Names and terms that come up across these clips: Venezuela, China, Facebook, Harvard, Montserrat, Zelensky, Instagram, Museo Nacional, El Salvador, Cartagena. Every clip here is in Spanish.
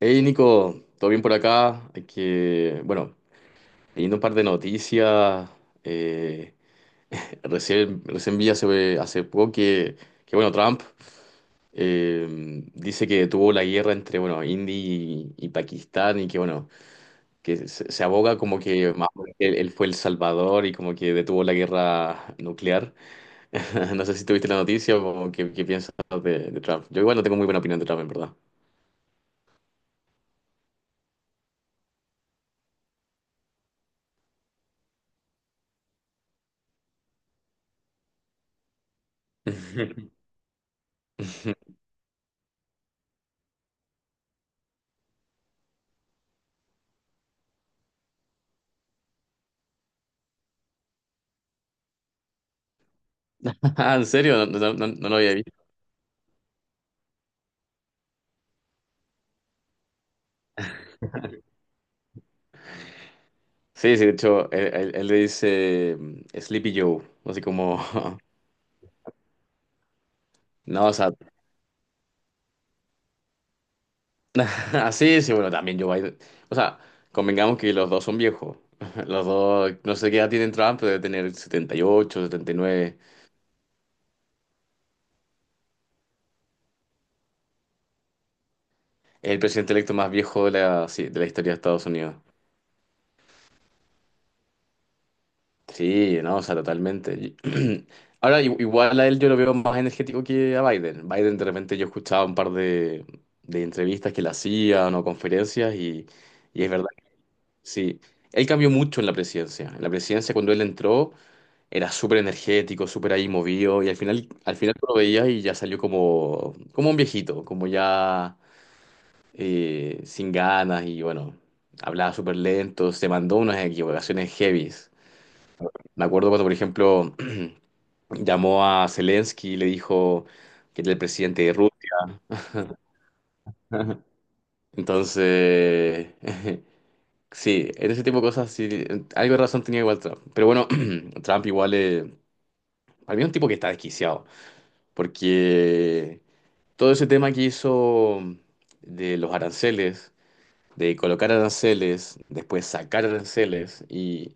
Hey Nico, ¿todo bien por acá? Hay que, bueno, leyendo un par de noticias, eh, recién vi hace poco que, bueno, Trump eh, dice que tuvo la guerra entre, bueno, India y Pakistán y que, bueno, que se aboga como que más o menos él fue el salvador y como que detuvo la guerra nuclear. no sé si tuviste la noticia o qué piensas de Trump. Yo igual no tengo muy buena opinión de Trump, en verdad. Ah, ¿en serio? No lo había visto. Sí, sí, de hecho, él le dice Sleepy Joe, así como, no, o sea, así, sí, bueno, también Joe Biden. O sea, convengamos que los dos son viejos. Los dos, no sé qué edad tienen Trump, pero debe tener 78, 79, Es el presidente electo más viejo de la, sí, de la historia de Estados Unidos. Sí, no, o sea, totalmente. Y- Ahora, igual a él yo lo veo más energético que a Biden. Biden, de repente, yo escuchaba un par de entrevistas que le hacían o conferencias y es verdad, que sí. Él cambió mucho en la presidencia. En la presidencia, cuando él entró, era súper energético, súper ahí movido y al final tú lo veías y ya salió como un viejito, como ya sin ganas y bueno, hablaba súper lento, se mandó unas equivocaciones heavies. Me acuerdo cuando, por ejemplo... llamó a Zelensky y le dijo que era el presidente de Rusia. Entonces, sí, en ese tipo de cosas sí, algo de razón tenía igual Trump. Pero bueno, Trump igual, para mí es un tipo que está desquiciado, porque todo ese tema que hizo de los aranceles, de colocar aranceles, después sacar aranceles y...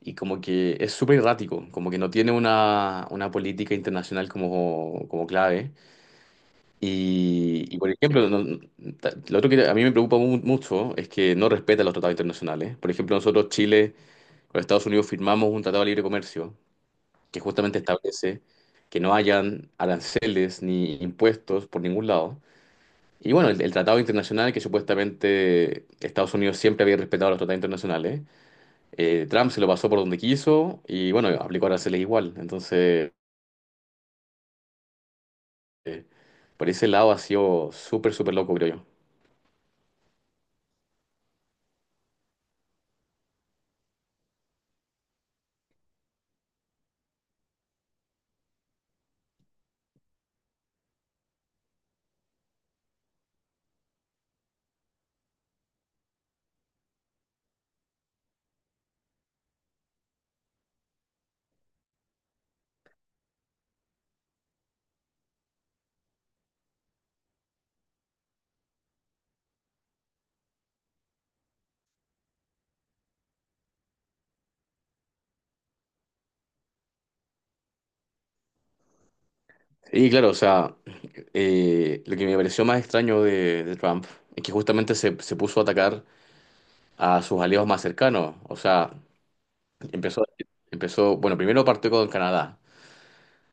Y como que es súper errático, como que no tiene una política internacional como, como clave. Y, por ejemplo, lo otro que a mí me preocupa mucho es que no respeta los tratados internacionales. Por ejemplo, nosotros, Chile, con Estados Unidos firmamos un tratado de libre comercio que justamente establece que no hayan aranceles ni impuestos por ningún lado. Y bueno, el tratado internacional que supuestamente Estados Unidos siempre había respetado los tratados internacionales, Trump se lo pasó por donde quiso y bueno, aplicó aranceles igual. Entonces, eh, por ese lado ha sido súper, súper loco, creo yo. Y claro, o sea... lo que me pareció más extraño de Trump es que justamente se puso a atacar a sus aliados más cercanos. O sea, empezó, empezó, bueno, primero partió con Canadá,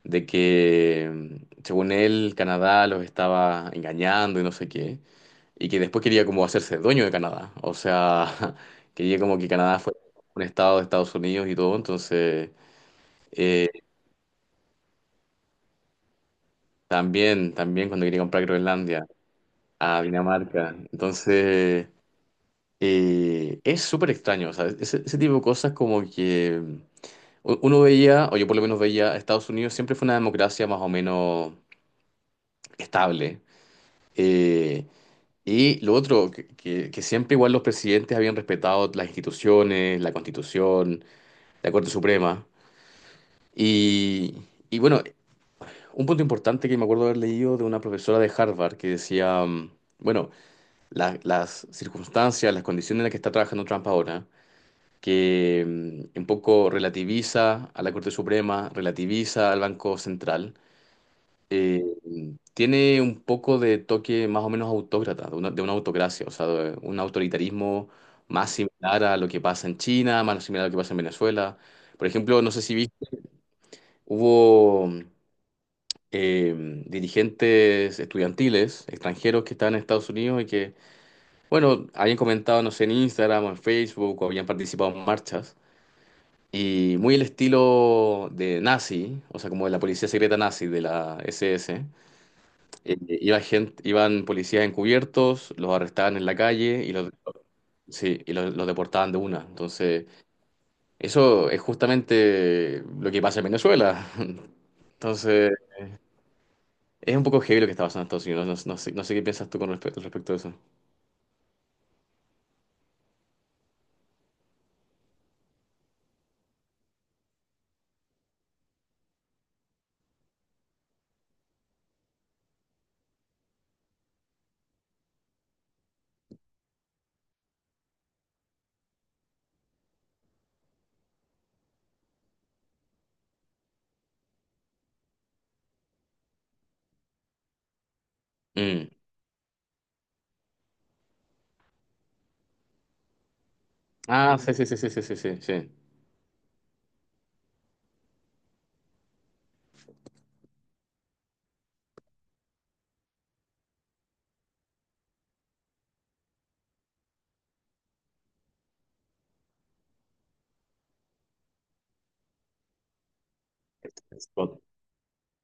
de que según él Canadá los estaba engañando y no sé qué, y que después quería como hacerse dueño de Canadá. O sea, quería como que Canadá fuera un estado de Estados Unidos y todo. Entonces, eh, también cuando quería comprar Groenlandia a Dinamarca. Entonces... es súper extraño, o sea, ese tipo de cosas como que uno veía, o yo por lo menos veía, Estados Unidos siempre fue una democracia más o menos estable. Eh, y lo otro, que siempre igual los presidentes habían respetado las instituciones, la Constitución, la Corte Suprema. Y, y bueno, un punto importante que me acuerdo haber leído de una profesora de Harvard que decía, bueno, las circunstancias, las condiciones en las que está trabajando Trump ahora. Que un poco relativiza a la Corte Suprema, relativiza al Banco Central, eh, tiene un poco de toque más o menos autócrata, de una autocracia, o sea, de un autoritarismo más similar a lo que pasa en China, más similar a lo que pasa en Venezuela. Por ejemplo, no sé si viste, hubo dirigentes estudiantiles extranjeros que estaban en Estados Unidos y que, bueno, habían comentado, no sé, en Instagram o en Facebook o habían participado en marchas. Y muy el estilo de nazi, o sea, como de la policía secreta nazi de la SS. Eh, iba gente, iban policías encubiertos, los arrestaban en la calle y los, sí, y los deportaban de una. Entonces, eso es justamente lo que pasa en Venezuela. Entonces, es un poco heavy lo que está pasando en Estados Unidos. No, no sé qué piensas tú con respecto, a eso. Mm. Ah, sí, sí, sí, sí, sí, sí, sí. Sí. Scott,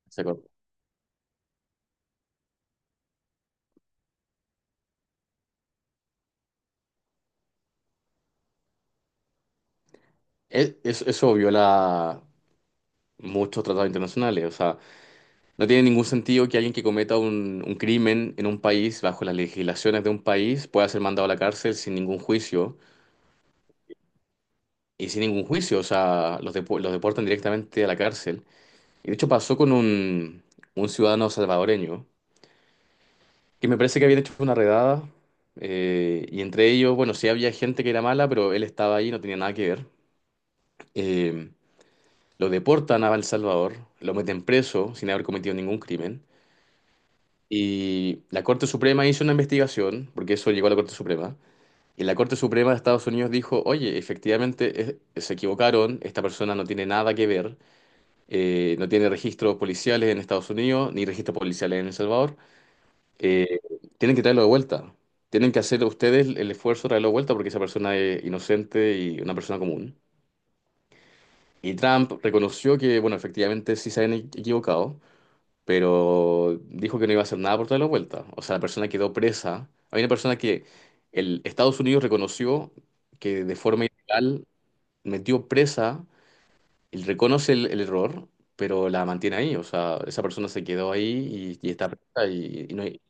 Scott. Es, eso viola muchos tratados internacionales. O sea, no tiene ningún sentido que alguien que cometa un crimen en un país, bajo las legislaciones de un país, pueda ser mandado a la cárcel sin ningún juicio. Y sin ningún juicio, o sea, los, los deportan directamente a la cárcel. Y de hecho pasó con un ciudadano salvadoreño, que me parece que habían hecho una redada. Y entre ellos, bueno, sí había gente que era mala, pero él estaba ahí, no tenía nada que ver. Eh, lo deportan a El Salvador, lo meten preso sin haber cometido ningún crimen. Y la Corte Suprema hizo una investigación, porque eso llegó a la Corte Suprema, y la Corte Suprema de Estados Unidos dijo, oye, efectivamente se equivocaron, esta persona no tiene nada que ver, no tiene registros policiales en Estados Unidos, ni registros policiales en El Salvador, eh, tienen que traerlo de vuelta, tienen que hacer ustedes el esfuerzo de traerlo de vuelta porque esa persona es inocente y una persona común. Y Trump reconoció que, bueno, efectivamente sí se habían equivocado. Pero dijo que no iba a hacer nada por toda la vuelta. O sea, la persona quedó presa. Hay una persona que el Estados Unidos reconoció que de forma ilegal metió presa, él reconoce el error, pero la mantiene ahí. O sea, esa persona se quedó ahí y está presa y no hay-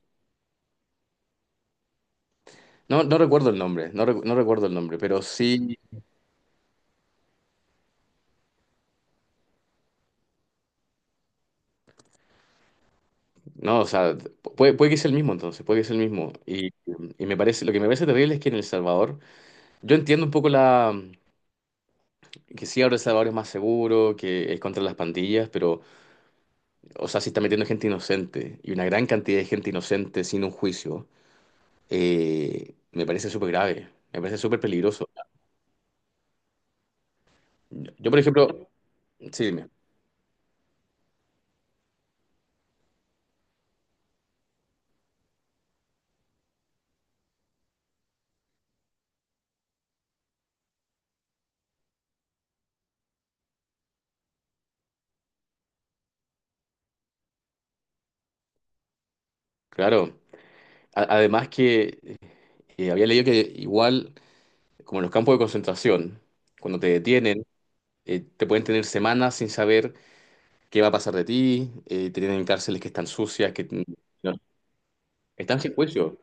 No, no recuerdo el nombre, no recuerdo el nombre, pero sí, no, o sea, puede que sea el mismo entonces, puede que sea el mismo. Y me parece, lo que me parece terrible es que en El Salvador, yo entiendo un poco la, que sí ahora abre salvadores más seguro que es contra las pandillas, pero, o sea, sí está metiendo gente inocente y una gran cantidad de gente inocente sin un juicio, me parece súper grave, me parece súper peligroso. Yo, por ejemplo, sí, dime, claro, además que había leído que igual, como en los campos de concentración, cuando te detienen, te pueden tener semanas sin saber qué va a pasar de ti, te tienen en cárceles que están sucias, que no, están sin juicio.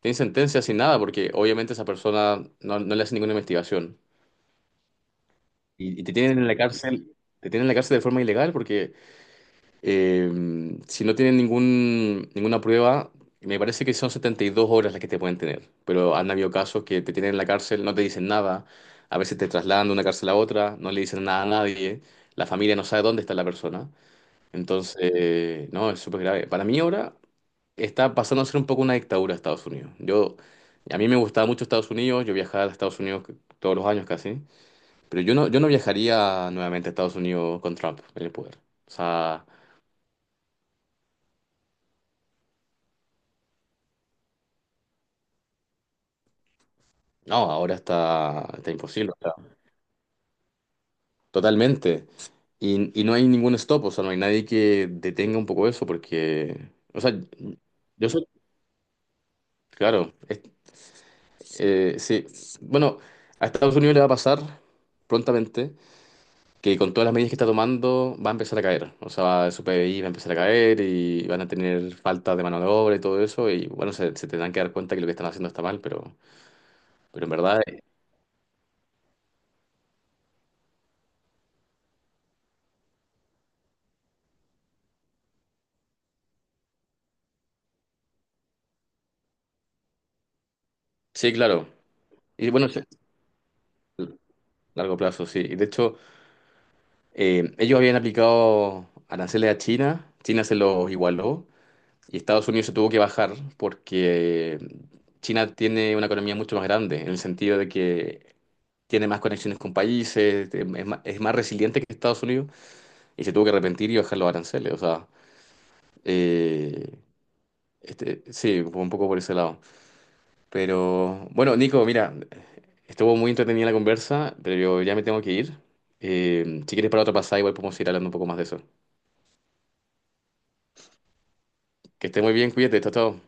Tienen sentencia sin nada, porque obviamente esa persona no le hace ninguna investigación. Y te tienen en la cárcel, te tienen en la cárcel de forma ilegal, porque eh, si no tienen ningún, ninguna prueba, me parece que son 72 horas las que te pueden tener. Pero han habido casos que te tienen en la cárcel, no te dicen nada, a veces te trasladan de una cárcel a otra, no le dicen nada a nadie, la familia no sabe dónde está la persona. Entonces, no, es súper grave. Para mí ahora está pasando a ser un poco una dictadura Estados Unidos. Yo, a mí me gustaba mucho Estados Unidos, yo viajaba a Estados Unidos todos los años casi, pero yo no viajaría nuevamente a Estados Unidos con Trump en el poder. O sea, no, ahora está imposible, o sea, totalmente. Y no hay ningún stop, o sea, no hay nadie que detenga un poco eso, porque, o sea, yo soy, claro, sí, bueno, a Estados Unidos le va a pasar prontamente que con todas las medidas que está tomando va a empezar a caer. O sea, su PBI va a empezar a caer y van a tener falta de mano de obra y todo eso. Y bueno, se tendrán que dar cuenta que lo que están haciendo está mal, pero en verdad, sí, claro. Y bueno, sí, largo plazo, sí. Y de hecho, ellos habían aplicado aranceles a China, China se los igualó y Estados Unidos se tuvo que bajar porque China tiene una economía mucho más grande, en el sentido de que tiene más conexiones con países, es más resiliente que Estados Unidos. Y se tuvo que arrepentir y bajar los aranceles. O sea, eh, este, sí, fue un poco por ese lado. Pero bueno, Nico, mira, estuvo muy entretenida la conversa, pero yo ya me tengo que ir. Si quieres para otra pasada, igual podemos ir hablando un poco más de eso. Que esté muy bien, cuídate, chao, chao.